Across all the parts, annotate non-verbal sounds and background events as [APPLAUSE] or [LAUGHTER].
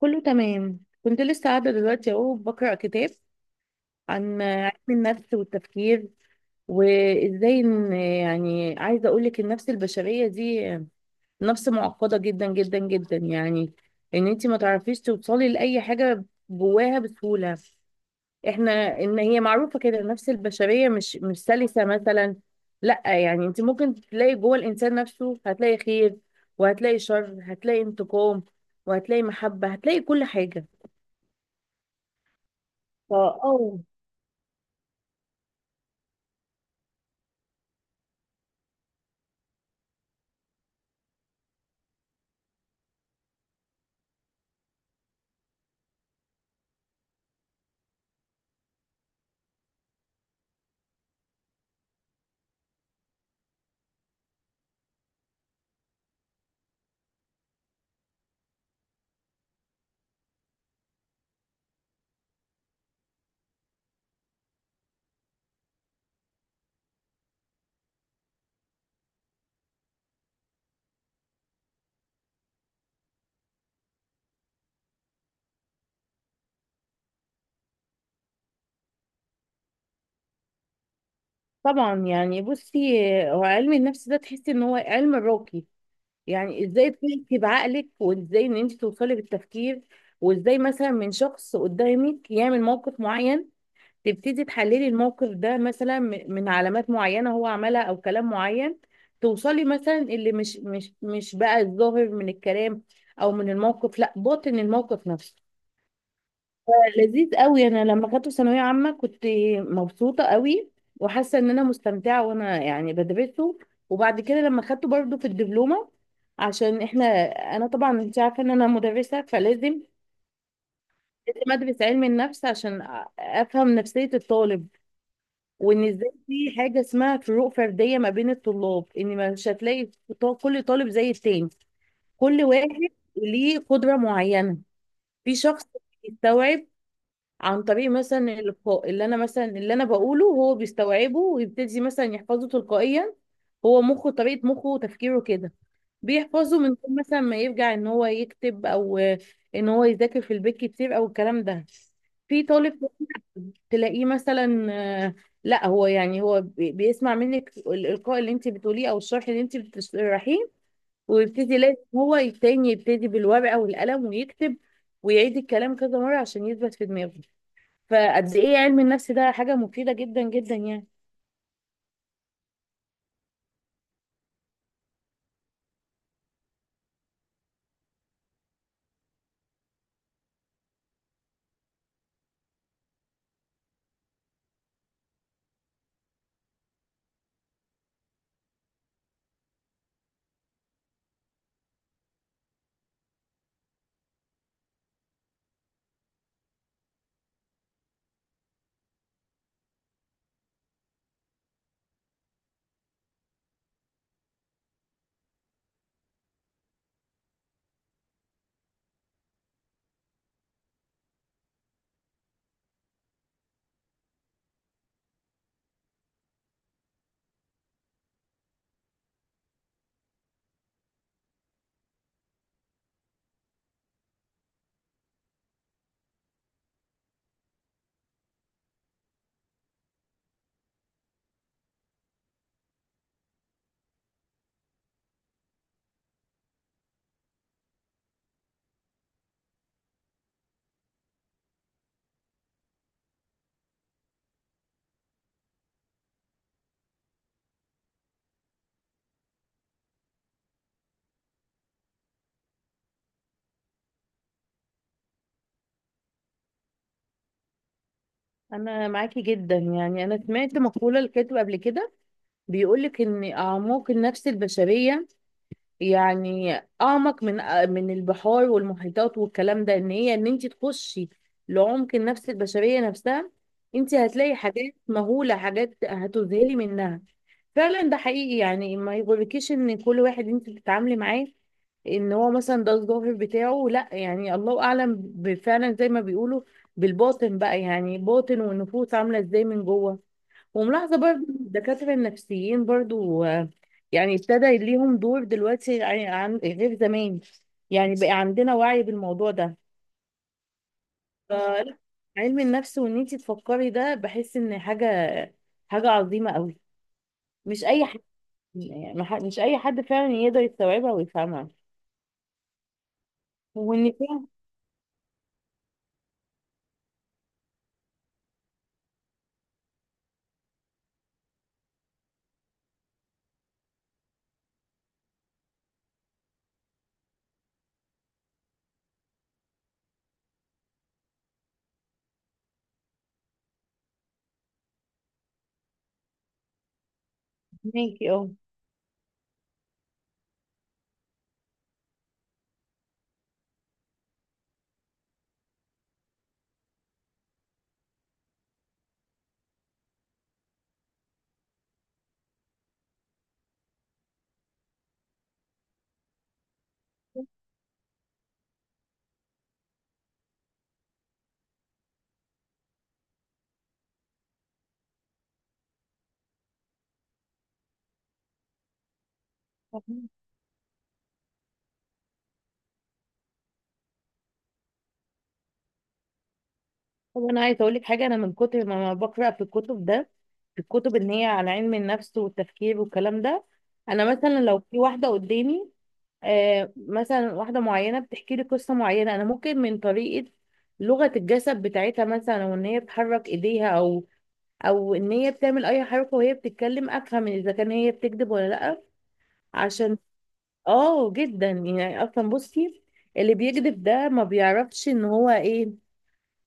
كله تمام، كنت لسه قاعدة دلوقتي اهو بقرأ كتاب عن علم النفس والتفكير. وازاي ان يعني عايزة اقولك النفس البشرية دي نفس معقدة جدا جدا جدا، يعني ان انتي ما تعرفيش توصلي لأي حاجة جواها بسهولة. احنا ان هي معروفة كده النفس البشرية مش سلسة مثلا. لا يعني انت ممكن تلاقي جوه الانسان نفسه، هتلاقي خير وهتلاقي شر، هتلاقي انتقام وهتلاقي محبة، هتلاقي كل حاجة. اه. آه، طبعا يعني بصي، هو علم النفس ده تحسي ان هو علم راقي، يعني ازاي تحسي بعقلك وازاي ان انت توصلي بالتفكير. وازاي مثلا من شخص قدامك يعمل موقف معين تبتدي تحللي الموقف ده مثلا من علامات معينة هو عملها او كلام معين، توصلي مثلا اللي مش بقى الظاهر من الكلام او من الموقف، لا باطن الموقف نفسه. لذيذ قوي، انا لما خدته ثانويه عامه كنت مبسوطه قوي، وحاسه ان انا مستمتعه وانا يعني بدرسه. وبعد كده لما خدته برضه في الدبلومه، عشان احنا، انا طبعا انت عارفه ان انا مدرسه فلازم لازم ادرس علم النفس عشان افهم نفسيه الطالب. وان ازاي في حاجه اسمها فروق فرديه ما بين الطلاب، ان مش هتلاقي كل طالب زي التاني، كل واحد ليه قدره معينه. في شخص بيستوعب عن طريق مثلا الإلقاء، اللي أنا مثلا اللي أنا بقوله هو بيستوعبه ويبتدي مثلا يحفظه تلقائيا، هو مخه طريقة مخه وتفكيره كده، بيحفظه من غير مثلا ما يرجع إن هو يكتب أو إن هو يذاكر في البيت كتير أو الكلام ده. في طالب تلاقيه مثلا، آه، لا هو يعني هو بيسمع منك الإلقاء اللي انت بتقوليه او الشرح اللي انت بتشرحيه ويبتدي لازم هو التاني يبتدي بالورقة والقلم ويكتب، ويعيد الكلام كذا مرة عشان يثبت في دماغه. فقد ايه علم النفس ده حاجة مفيدة جدا جدا يعني. انا معاكي جدا، يعني انا سمعت مقولة لكاتب قبل كده بيقولك ان اعماق النفس البشرية، يعني اعمق من من البحار والمحيطات والكلام ده، ان هي ان انت تخشي لعمق النفس البشريه نفسها، انت هتلاقي حاجات مهوله، حاجات هتذهلي منها فعلا. ده حقيقي يعني، ما يغركيش ان كل واحد انت بتتعاملي معاه ان هو مثلا ده الظاهر بتاعه، لا يعني الله اعلم فعلا زي ما بيقولوا بالباطن بقى، يعني باطن والنفوس عامله ازاي من جوه. وملاحظه برضو الدكاتره النفسيين برضو يعني ابتدى ليهم دور دلوقتي، يعني عن غير زمان، يعني بقى عندنا وعي بالموضوع ده. فعلم النفس وان انت تفكري ده بحس ان حاجه حاجه عظيمه قوي، مش اي حد، يعني مش اي حد فعلا يقدر يستوعبها ويفهمها وان فعلا فهماكي. اه. طب انا عايزه اقول لك حاجه، انا من كتر ما بقرا في الكتب ده في الكتب ان هي على علم النفس والتفكير والكلام ده، انا مثلا لو في واحده قدامي، آه مثلا واحده معينه بتحكي لي قصه معينه، انا ممكن من طريقه لغه الجسد بتاعتها مثلا وان هي بتحرك ايديها او او ان هي بتعمل اي حركه وهي بتتكلم، افهم اذا كان هي بتكذب ولا لا. عشان، اه جدا يعني، اصلا بصي اللي بيكذب ده ما بيعرفش ان هو ايه،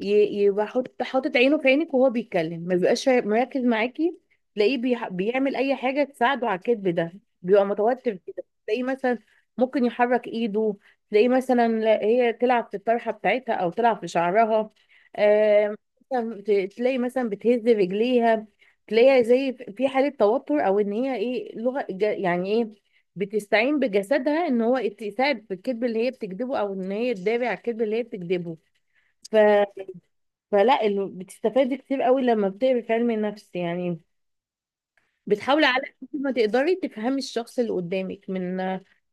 يبقى حاطط عينه في عينك وهو بيتكلم، ما بيبقاش مركز معاكي، تلاقيه بيعمل اي حاجه تساعده على الكذب ده، بيبقى متوتر كده، تلاقيه مثلا ممكن يحرك ايده، تلاقيه مثلا، هي تلعب في الطرحه بتاعتها او تلعب في شعرها، آم، مثلا تلاقي مثلا بتهز رجليها، تلاقيها زي في في حاله توتر، او ان هي ايه لغه يعني ايه، بتستعين بجسدها ان هو يساعد في الكذب اللي هي بتكذبه، او ان هي تدافع على الكذب اللي هي بتكذبه. فلا بتستفادي كتير قوي لما بتقري في علم النفس يعني، بتحاولي على قد ما تقدري تفهمي الشخص اللي قدامك من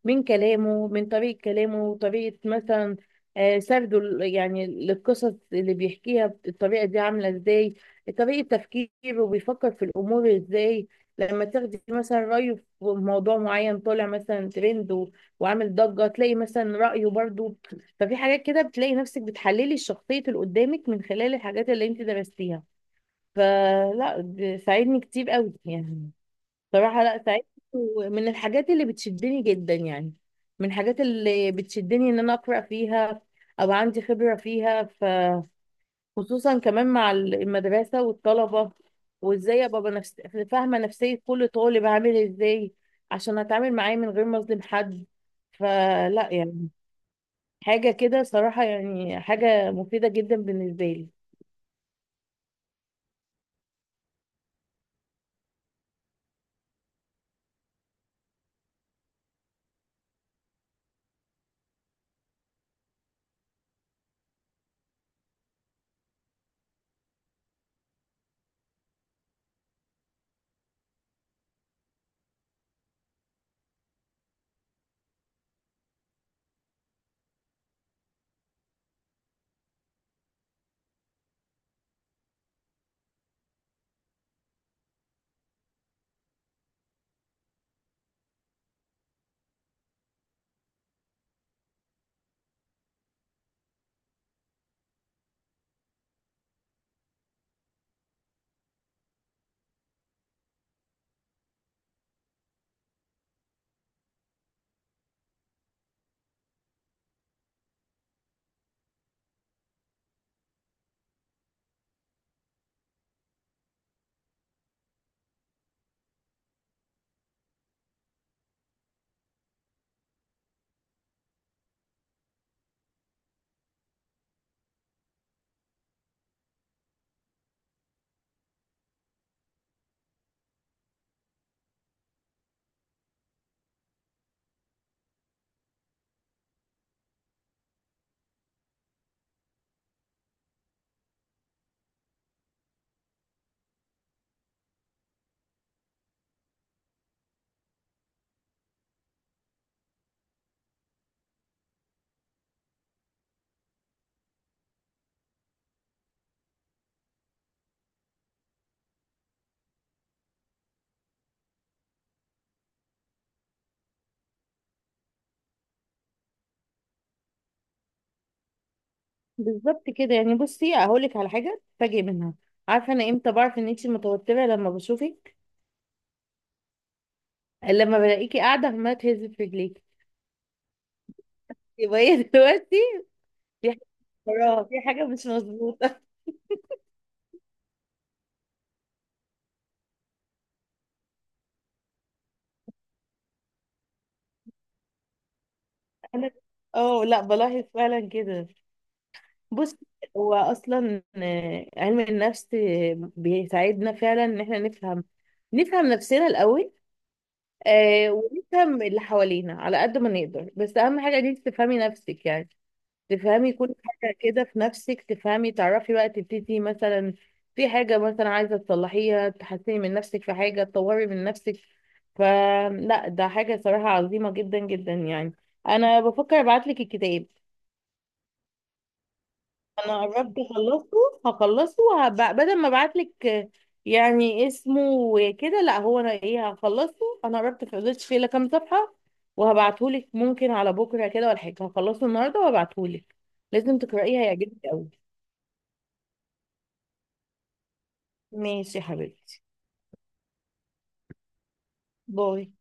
من كلامه، من طريقة كلامه، طريقة مثلا سرده يعني للقصص اللي بيحكيها الطريقة دي عاملة ازاي، طريقة تفكيره بيفكر في الأمور ازاي، لما تاخدي مثلا رأيه في موضوع معين طالع مثلا ترند وعامل ضجة تلاقي مثلا رأيه برضو. ففي حاجات كده بتلاقي نفسك بتحللي الشخصية اللي قدامك من خلال الحاجات اللي انت درستيها. فلا ساعدني كتير قوي يعني، صراحة لا سعيد. ومن الحاجات اللي بتشدني جدا يعني، من الحاجات اللي بتشدني ان انا اقرا فيها او عندي خبرة فيها، فخصوصا كمان مع المدرسة والطلبة، وازاي ابقى بنفس... فاهمة نفسية كل طالب عامل ازاي عشان اتعامل معاه من غير ما اظلم حد. فلا يعني حاجة كده صراحة، يعني حاجة مفيدة جدا بالنسبة لي. بالظبط كده، يعني بصي هقولك على حاجة تفاجئ منها، عارفة انا امتى بعرف ان انتي متوترة لما بشوفك؟ لما بلاقيكي قاعدة عمالة تهزي في رجليكي، يبقى هي [LAUGHS] دلوقتي في حاجة، وراها في حاجة مش مظبوطة. [LAUGHS] أنا، اه لا بلاحظ فعلا كده. بص، هو أصلا علم النفس بيساعدنا فعلا إن احنا نفهم، نفهم نفسنا الأول. آه، ونفهم اللي حوالينا على قد ما نقدر، بس أهم حاجة إن أنت تفهمي نفسك يعني، تفهمي كل حاجة كده في نفسك، تفهمي تعرفي بقى تبتدي مثلا في حاجة مثلا عايزة تصلحيها، تحسني من نفسك في حاجة، تطوري من نفسك. فلا ده حاجة صراحة عظيمة جدا جدا يعني. أنا بفكر أبعتلك الكتاب. أنا قربت أخلصه، هخلصه بدل ما أبعتلك يعني اسمه وكده، لا هو أنا إيه هخلصه، أنا قربت فضلتش فيه إلا كام صفحة، وهبعتهولك ممكن على بكرة كده ولا حاجة، هخلصه النهاردة وهبعتهولك. لازم تقرأيه، هيعجبك أوي. ماشي يا حبيبتي، باي.